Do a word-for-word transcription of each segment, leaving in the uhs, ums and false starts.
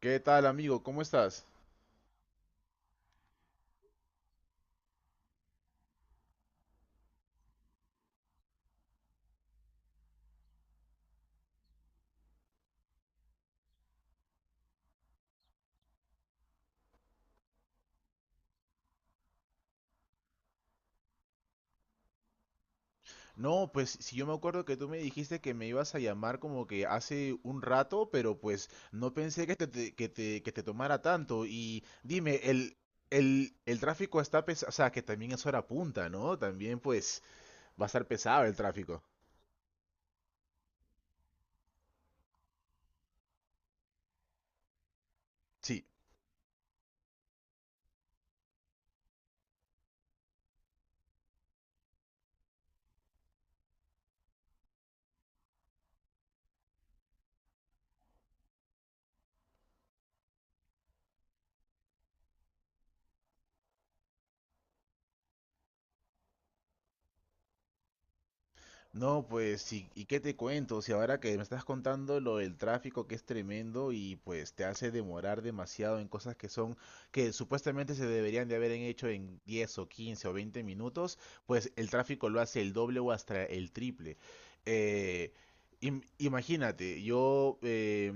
¿Qué tal, amigo? ¿Cómo estás? No, pues si yo me acuerdo que tú me dijiste que me ibas a llamar como que hace un rato, pero pues no pensé que te, te- que te, que te tomara tanto. Y dime, el, el, el tráfico está pesado, o sea, que también es hora punta, ¿no? También pues va a estar pesado el tráfico. Sí. No, pues, ¿y, y qué te cuento? Si ahora que me estás contando lo del tráfico que es tremendo y pues te hace demorar demasiado en cosas que son, que supuestamente se deberían de haber hecho en diez o quince o veinte minutos, pues el tráfico lo hace el doble o hasta el triple. Eh, im- Imagínate, yo eh,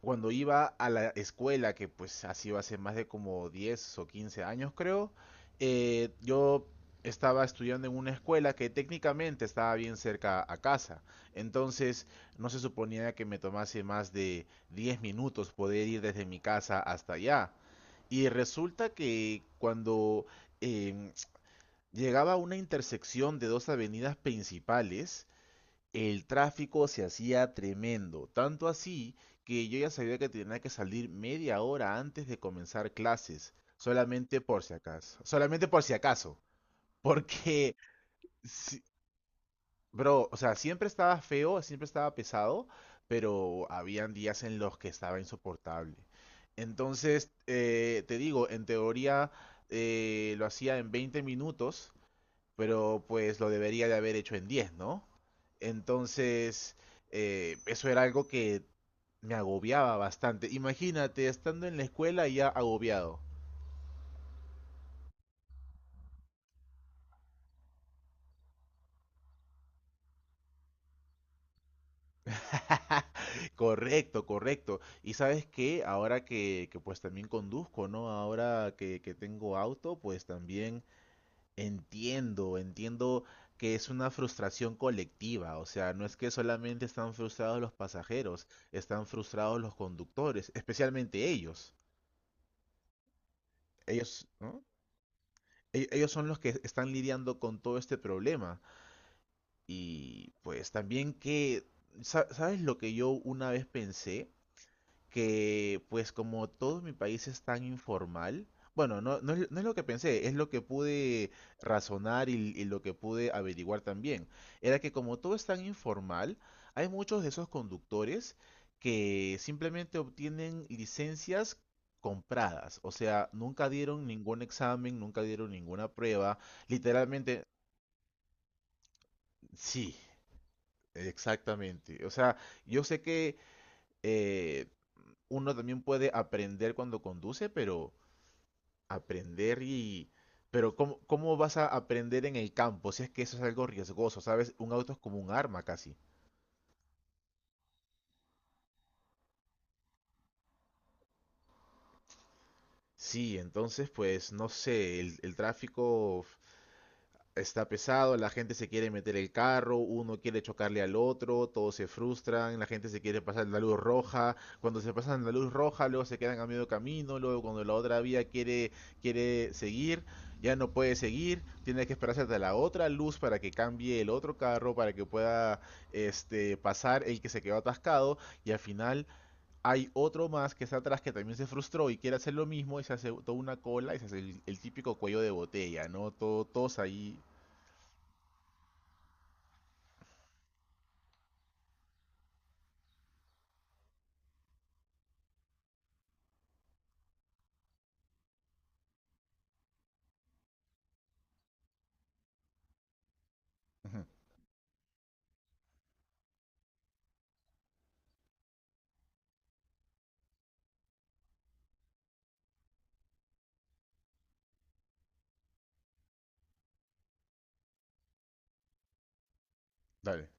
cuando iba a la escuela, que pues ha sido hace más de como diez o quince años creo, eh, yo estaba estudiando en una escuela que técnicamente estaba bien cerca a casa. Entonces no se suponía que me tomase más de diez minutos poder ir desde mi casa hasta allá. Y resulta que cuando em, llegaba a una intersección de dos avenidas principales, el tráfico se hacía tremendo, tanto así que yo ya sabía que tenía que salir media hora antes de comenzar clases, solamente por si acaso, solamente por si acaso. Porque sí, bro, o sea, siempre estaba feo, siempre estaba pesado, pero habían días en los que estaba insoportable. Entonces, eh, te digo, en teoría eh, lo hacía en veinte minutos, pero pues lo debería de haber hecho en diez, ¿no? Entonces, eh, eso era algo que me agobiaba bastante. Imagínate, estando en la escuela ya agobiado. Correcto, correcto. Y sabes qué, ahora que, que pues también conduzco, ¿no? Ahora que, que tengo auto, pues también entiendo, entiendo que es una frustración colectiva, o sea, no es que solamente están frustrados los pasajeros, están frustrados los conductores, especialmente ellos. Ellos, ¿no? E- Ellos son los que están lidiando con todo este problema. Y pues también que, sa- ¿sabes lo que yo una vez pensé? Que pues como todo mi país es tan informal, bueno, no, no es, no es lo que pensé, es lo que pude razonar y, y lo que pude averiguar también. Era que como todo es tan informal, hay muchos de esos conductores que simplemente obtienen licencias compradas, o sea, nunca dieron ningún examen, nunca dieron ninguna prueba, literalmente, sí, exactamente. O sea, yo sé que eh, uno también puede aprender cuando conduce, pero aprender y. Pero ¿cómo, cómo vas a aprender en el campo? Si es que eso es algo riesgoso, ¿sabes? Un auto es como un arma casi. Sí, entonces pues no sé, el, el tráfico está pesado, la gente se quiere meter el carro, uno quiere chocarle al otro, todos se frustran, la gente se quiere pasar la luz roja, cuando se pasan la luz roja, luego se quedan a medio camino, luego cuando la otra vía quiere, quiere seguir, ya no puede seguir, tiene que esperarse hasta la otra luz para que cambie el otro carro, para que pueda este, pasar el que se quedó atascado, y al final hay otro más que está atrás que también se frustró y quiere hacer lo mismo y se hace toda una cola y se hace el, el típico cuello de botella, ¿no? Todo, todos ahí. Ujú. Dale.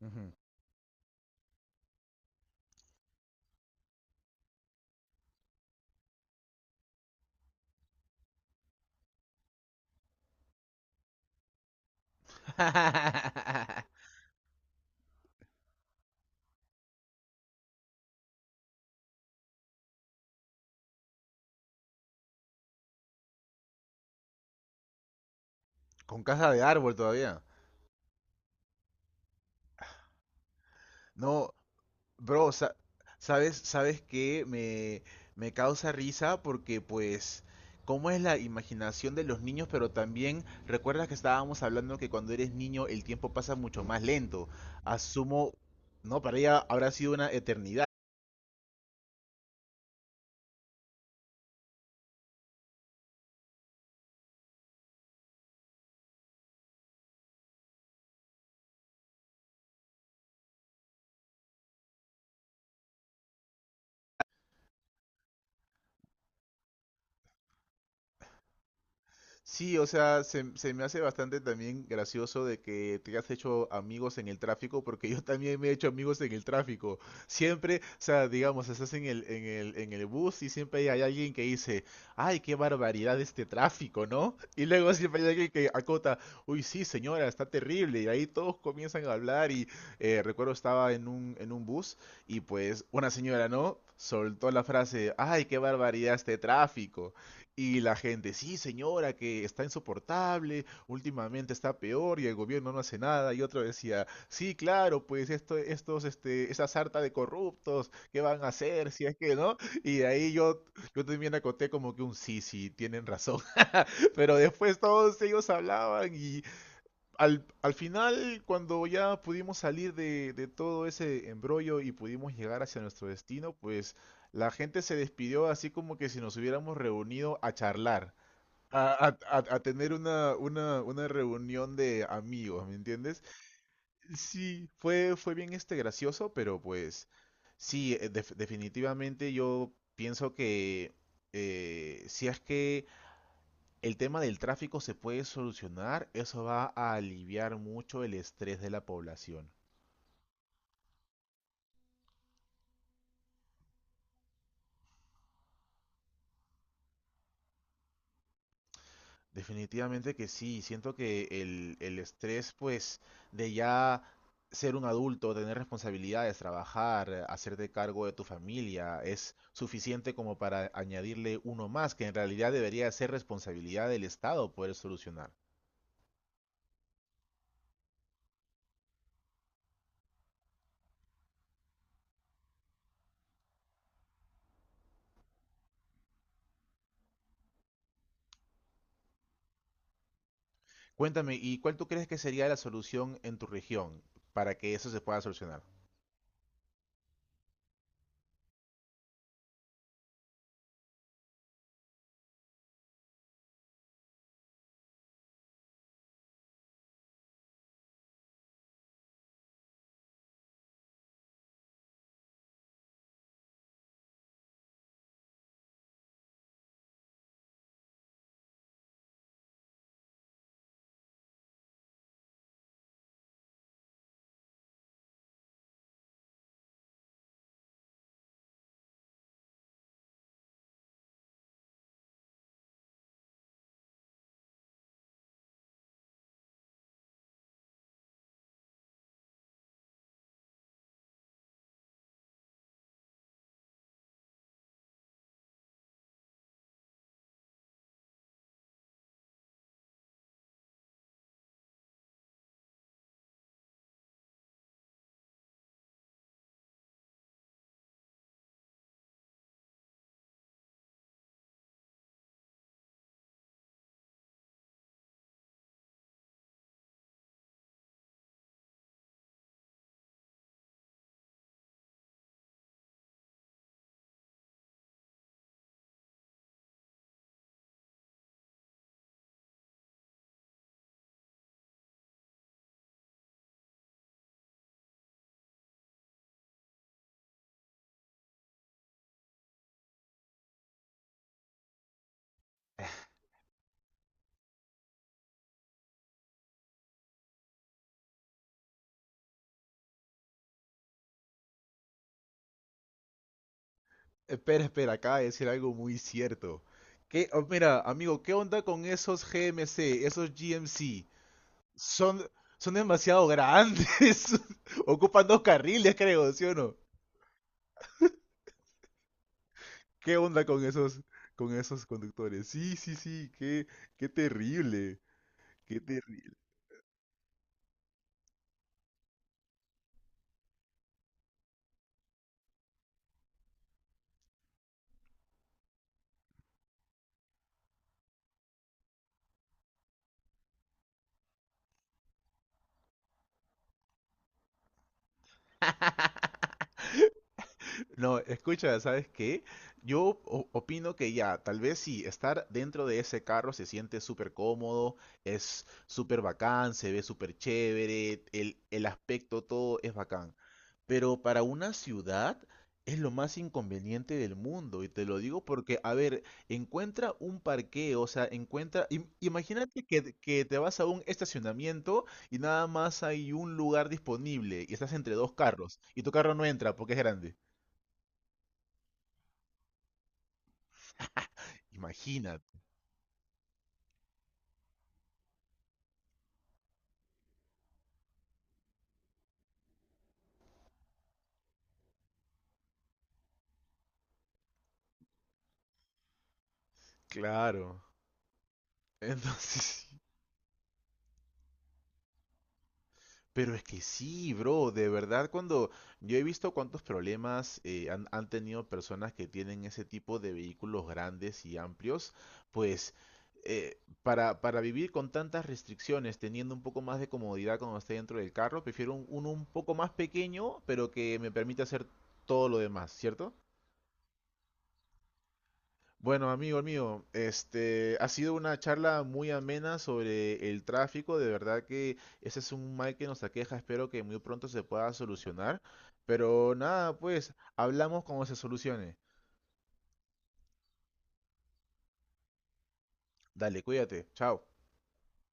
Ujú. Con casa de árbol todavía. No, bro, sa- ¿sabes, sabes qué? Me, me causa risa porque pues, ¿cómo es la imaginación de los niños? Pero también recuerdas que estábamos hablando que cuando eres niño el tiempo pasa mucho más lento. Asumo, no, para ella habrá sido una eternidad. Sí, o sea, se, se me hace bastante también gracioso de que te has hecho amigos en el tráfico, porque yo también me he hecho amigos en el tráfico. Siempre, o sea, digamos, estás en el, en el, en el bus y siempre hay alguien que dice, ay, qué barbaridad este tráfico, ¿no? Y luego siempre hay alguien que acota, uy, sí, señora, está terrible. Y ahí todos comienzan a hablar y eh, recuerdo estaba en un, en un bus y pues una señora, ¿no? Soltó la frase, ay, qué barbaridad este tráfico. Y la gente, sí, señora, que está insoportable, últimamente está peor y el gobierno no hace nada. Y otro decía, sí, claro, pues esto, estos, este, esa sarta de corruptos, ¿qué van a hacer si es que no? Y de ahí yo, yo también acoté como que un sí, sí, tienen razón. Pero después todos ellos hablaban y al, al final, cuando ya pudimos salir de, de todo ese embrollo y pudimos llegar hacia nuestro destino, pues la gente se despidió así como que si nos hubiéramos reunido a charlar a, a- a- a tener una, una, una reunión de amigos, ¿me entiendes? Sí, fue, fue bien este gracioso, pero pues sí, eh, def- definitivamente yo pienso que eh, si es que el tema del tráfico se puede solucionar, eso va a aliviar mucho el estrés de la población. Definitivamente que sí, siento que el, el estrés, pues, de ya ser un adulto, tener responsabilidades, trabajar, eh, hacerte cargo de tu familia, es suficiente como para añadirle uno más, que en realidad debería ser responsabilidad del Estado poder solucionar. Cuéntame, ¿y cuál tú crees que sería la solución en tu región para que eso se pueda solucionar? Espera, espera, acaba de decir algo muy cierto. ¿Qué? Oh, mira, amigo, ¿qué onda con esos G M C, esos G M C? Son, son demasiado grandes. Ocupan dos carriles, creo, ¿sí o no? ¿Qué onda con esos, con esos conductores? Sí, sí, sí, qué, qué terrible, qué terrible. No, escucha, ¿sabes qué? Yo o- opino que ya, tal vez sí, estar dentro de ese carro se siente súper cómodo, es súper bacán, se ve súper chévere, el, el aspecto todo es bacán. Pero para una ciudad es lo más inconveniente del mundo, y te lo digo porque, a ver, encuentra un parqueo, o sea, encuentra, im- imagínate que, que, te vas a un estacionamiento y nada más hay un lugar disponible y estás entre dos carros y tu carro no entra porque es grande. Imagina, claro. Entonces, pero es que sí, bro, de verdad cuando yo he visto cuántos problemas eh, han, han tenido personas que tienen ese tipo de vehículos grandes y amplios, pues eh, para, para vivir con tantas restricciones, teniendo un poco más de comodidad cuando esté dentro del carro, prefiero un- uno un poco más pequeño, pero que me permita hacer todo lo demás, ¿cierto? Bueno, amigo mío, este ha sido una charla muy amena sobre el tráfico. De verdad que ese es un mal que nos aqueja. Espero que muy pronto se pueda solucionar. Pero nada, pues hablamos cuando se solucione. Dale, cuídate. Chao.